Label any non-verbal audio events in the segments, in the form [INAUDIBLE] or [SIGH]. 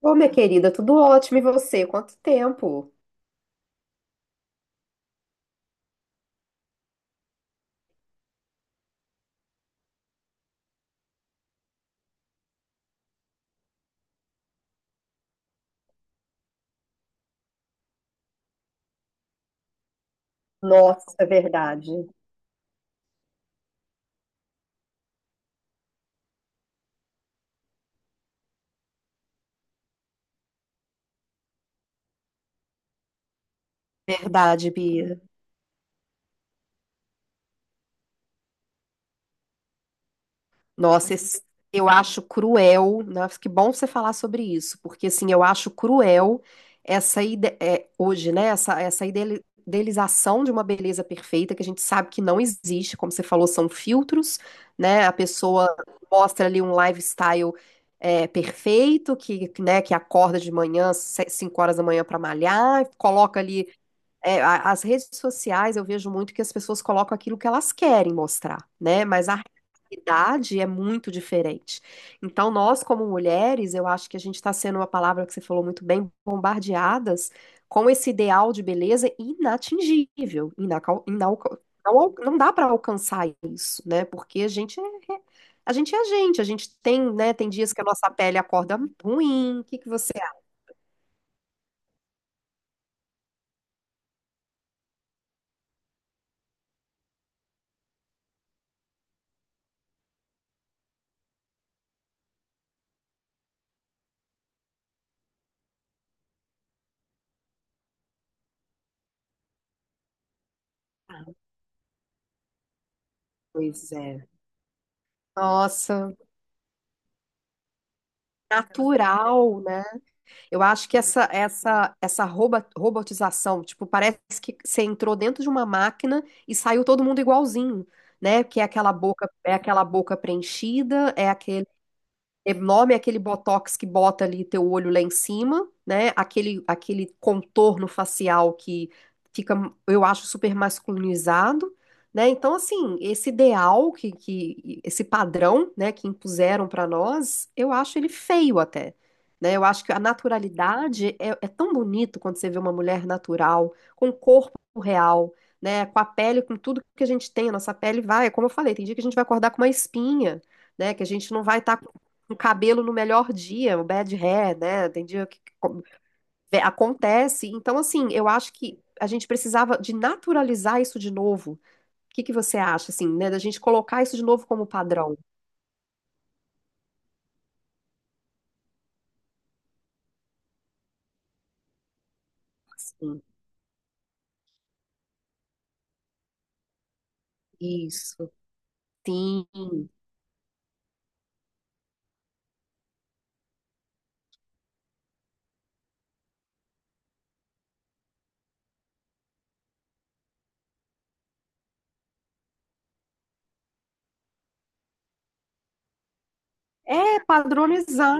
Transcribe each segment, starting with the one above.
Ô, minha querida, tudo ótimo e você? Quanto tempo? Nossa, é verdade. Verdade, Bia. Nossa, eu acho cruel, né? Que bom você falar sobre isso, porque assim, eu acho cruel hoje, né? Essa idealização de uma beleza perfeita que a gente sabe que não existe, como você falou, são filtros, né? A pessoa mostra ali um lifestyle perfeito, que, né, que acorda de manhã, 5 horas da manhã para malhar, coloca ali. As redes sociais eu vejo muito que as pessoas colocam aquilo que elas querem mostrar, né? Mas a realidade é muito diferente. Então, nós, como mulheres, eu acho que a gente está sendo uma palavra que você falou muito bem, bombardeadas com esse ideal de beleza inatingível, não, não dá para alcançar isso, né? Porque é- a gente é a gente tem, né? Tem dias que a nossa pele acorda ruim. O que que você acha? Pois é. Nossa, natural, né? Eu acho que essa robotização, tipo, parece que você entrou dentro de uma máquina e saiu todo mundo igualzinho, né? Que é aquela boca preenchida, é enorme. É aquele botox que bota ali teu olho lá em cima, né? Aquele contorno facial que fica, eu acho, super masculinizado, né? Então, assim, esse ideal que esse padrão, né, que impuseram para nós, eu acho ele feio até, né? Eu acho que a naturalidade é tão bonito quando você vê uma mulher natural, com corpo real, né? Com a pele, com tudo que a gente tem, a nossa pele vai, como eu falei, tem dia que a gente vai acordar com uma espinha, né, que a gente não vai estar o cabelo no melhor dia, o bad hair, né? Tem dia que acontece. Então, assim, eu acho que a gente precisava de naturalizar isso de novo. O que que você acha, assim, né? Da gente colocar isso de novo como padrão. Assim. Isso, sim. É, padronizar.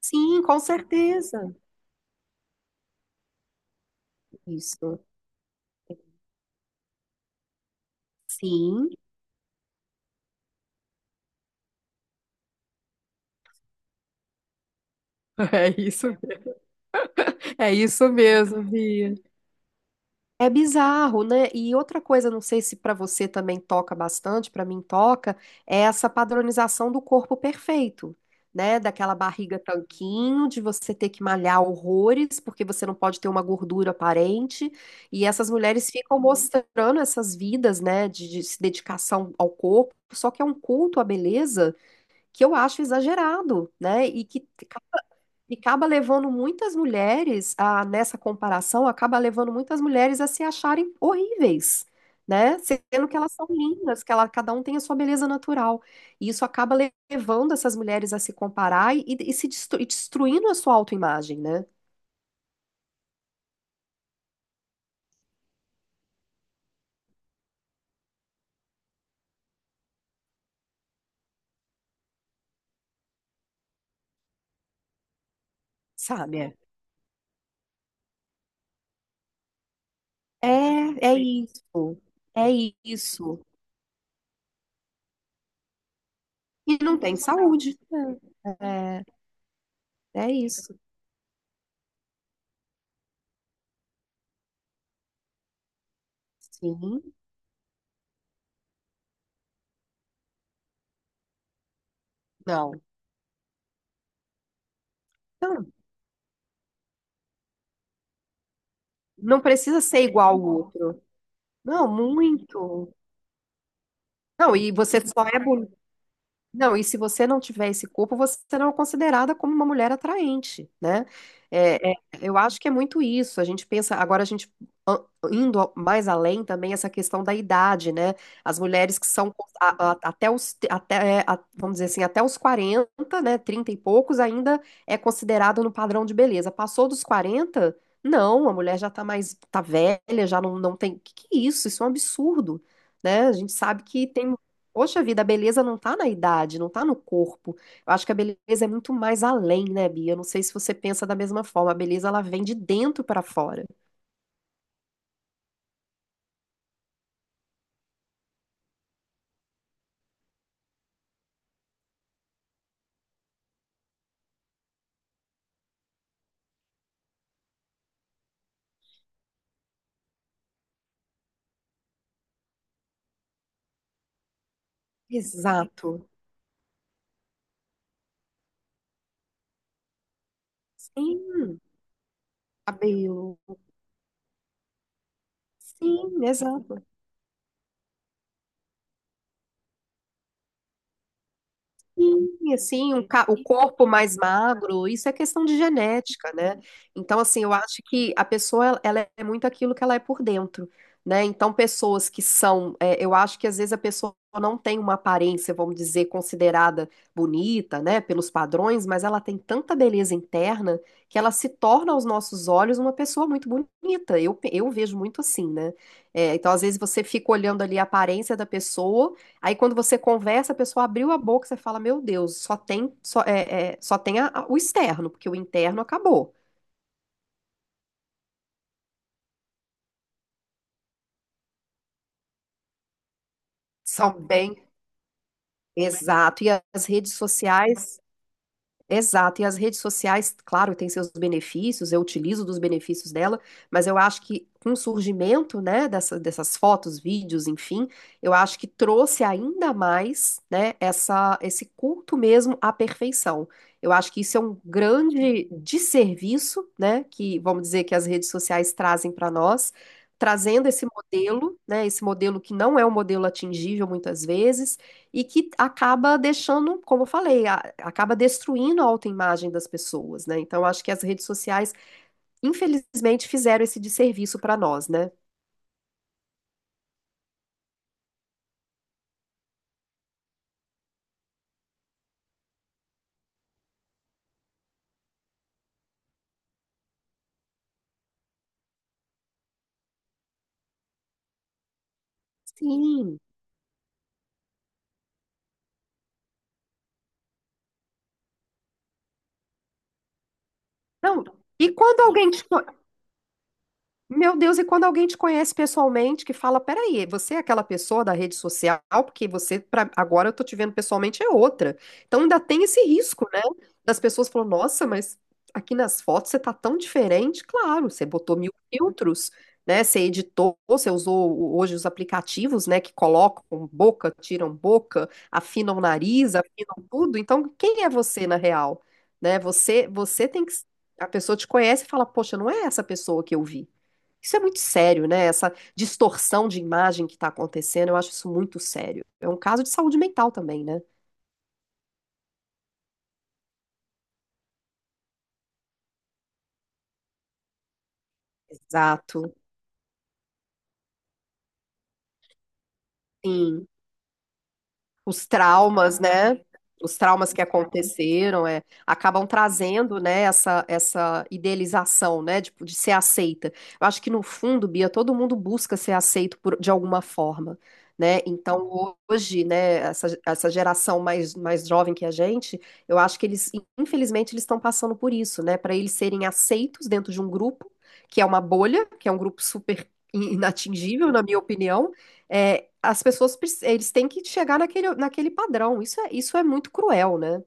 Sim, com certeza. Isso. Sim. [LAUGHS] É isso, é isso mesmo, Bia. É bizarro, né? E outra coisa, não sei se para você também toca bastante, para mim toca, é essa padronização do corpo perfeito, né? Daquela barriga tanquinho, de você ter que malhar horrores, porque você não pode ter uma gordura aparente. E essas mulheres ficam mostrando essas vidas, né, de dedicação ao corpo, só que é um culto à beleza que eu acho exagerado, né? E acaba levando muitas mulheres, nessa comparação, acaba levando muitas mulheres a se acharem horríveis, né? Sendo que elas são lindas, cada um tem a sua beleza natural. E isso acaba levando essas mulheres a se comparar e se destru- e destruindo a sua autoimagem, né? Sabe? É, é isso. É isso. E não tem saúde. É, é é isso. Sim, não. Não, não precisa ser igual ao outro. Não, muito. Não, e você só é bonita. Não, e se você não tiver esse corpo, você não é considerada como uma mulher atraente, né? É, eu acho que é muito isso. A gente pensa, agora a gente a- indo mais além também essa questão da idade, né? As mulheres que são a- até os te- até, é, a- vamos dizer assim, até os 40, né? 30 e poucos ainda é considerado no padrão de beleza. Passou dos 40 não, a mulher já tá velha, já não, não tem. Que é isso? Isso é um absurdo, né? A gente sabe que tem Poxa vida, a beleza não tá na idade, não tá no corpo. Eu acho que a beleza é muito mais além, né, Bia? Eu não sei se você pensa da mesma forma. A beleza, ela vem de dentro pra fora. Exato. Sim, cabelo. Sim, exato. Sim, assim, o corpo mais magro, isso é questão de genética, né? Então, assim, eu acho que a pessoa, ela é muito aquilo que ela é por dentro, né? Então, pessoas que são, eu acho que às vezes a pessoa não tem uma aparência, vamos dizer, considerada bonita, né, pelos padrões, mas ela tem tanta beleza interna que ela se torna aos nossos olhos uma pessoa muito bonita. Eu vejo muito assim, né? É, então, às vezes você fica olhando ali a aparência da pessoa. Aí quando você conversa, a pessoa abriu a boca, você fala, meu Deus, só tem, só, é, é, só tem o externo, porque o interno acabou. São bem, exato. E as redes sociais Exato, e as redes sociais, claro, têm seus benefícios, eu utilizo dos benefícios dela, mas eu acho que com o surgimento, né, dessas fotos, vídeos, enfim, eu acho que trouxe ainda mais, né, esse culto mesmo à perfeição. Eu acho que isso é um grande desserviço, né, que vamos dizer que as redes sociais trazem para nós, trazendo esse modelo, né, esse modelo que não é um modelo atingível muitas vezes e que acaba deixando, como eu falei, acaba destruindo a autoimagem das pessoas, né? Então, acho que as redes sociais, infelizmente, fizeram esse desserviço para nós, né? Sim. Não. E quando alguém te Meu Deus, e quando alguém te conhece pessoalmente, que fala, peraí, você é aquela pessoa da rede social, porque você, agora eu tô te vendo pessoalmente, é outra. Então ainda tem esse risco, né? Das pessoas falam, nossa, mas aqui nas fotos você tá tão diferente. Claro, você botou mil filtros, né? Você editou, você usou hoje os aplicativos, né? Que colocam boca, tiram boca, afinam o nariz, afinam tudo. Então, quem é você na real? Né? Você tem que. A pessoa te conhece e fala, poxa, não é essa pessoa que eu vi. Isso é muito sério, né? Essa distorção de imagem que está acontecendo, eu acho isso muito sério. É um caso de saúde mental também, né? Exato. Sim. Os traumas, né? Os traumas que aconteceram, é, acabam trazendo, né, essa idealização, né, de ser aceita. Eu acho que no fundo, Bia, todo mundo busca ser aceito de alguma forma, né? Então hoje, né, essa geração mais jovem que a gente, eu acho que eles, infelizmente, eles estão passando por isso, né? Para eles serem aceitos dentro de um grupo que é uma bolha, que é um grupo super inatingível, na minha opinião eles têm que chegar naquele padrão. Isso é muito cruel, né?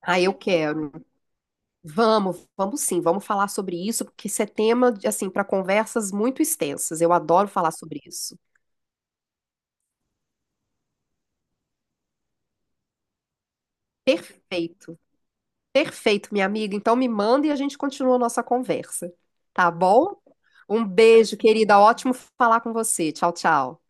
Ah, eu quero. Vamos, vamos sim, vamos falar sobre isso, porque isso é tema, de, assim, para conversas muito extensas. Eu adoro falar sobre isso. Perfeito, perfeito, minha amiga. Então me manda e a gente continua a nossa conversa, tá bom? Um beijo, querida. Ótimo falar com você. Tchau, tchau.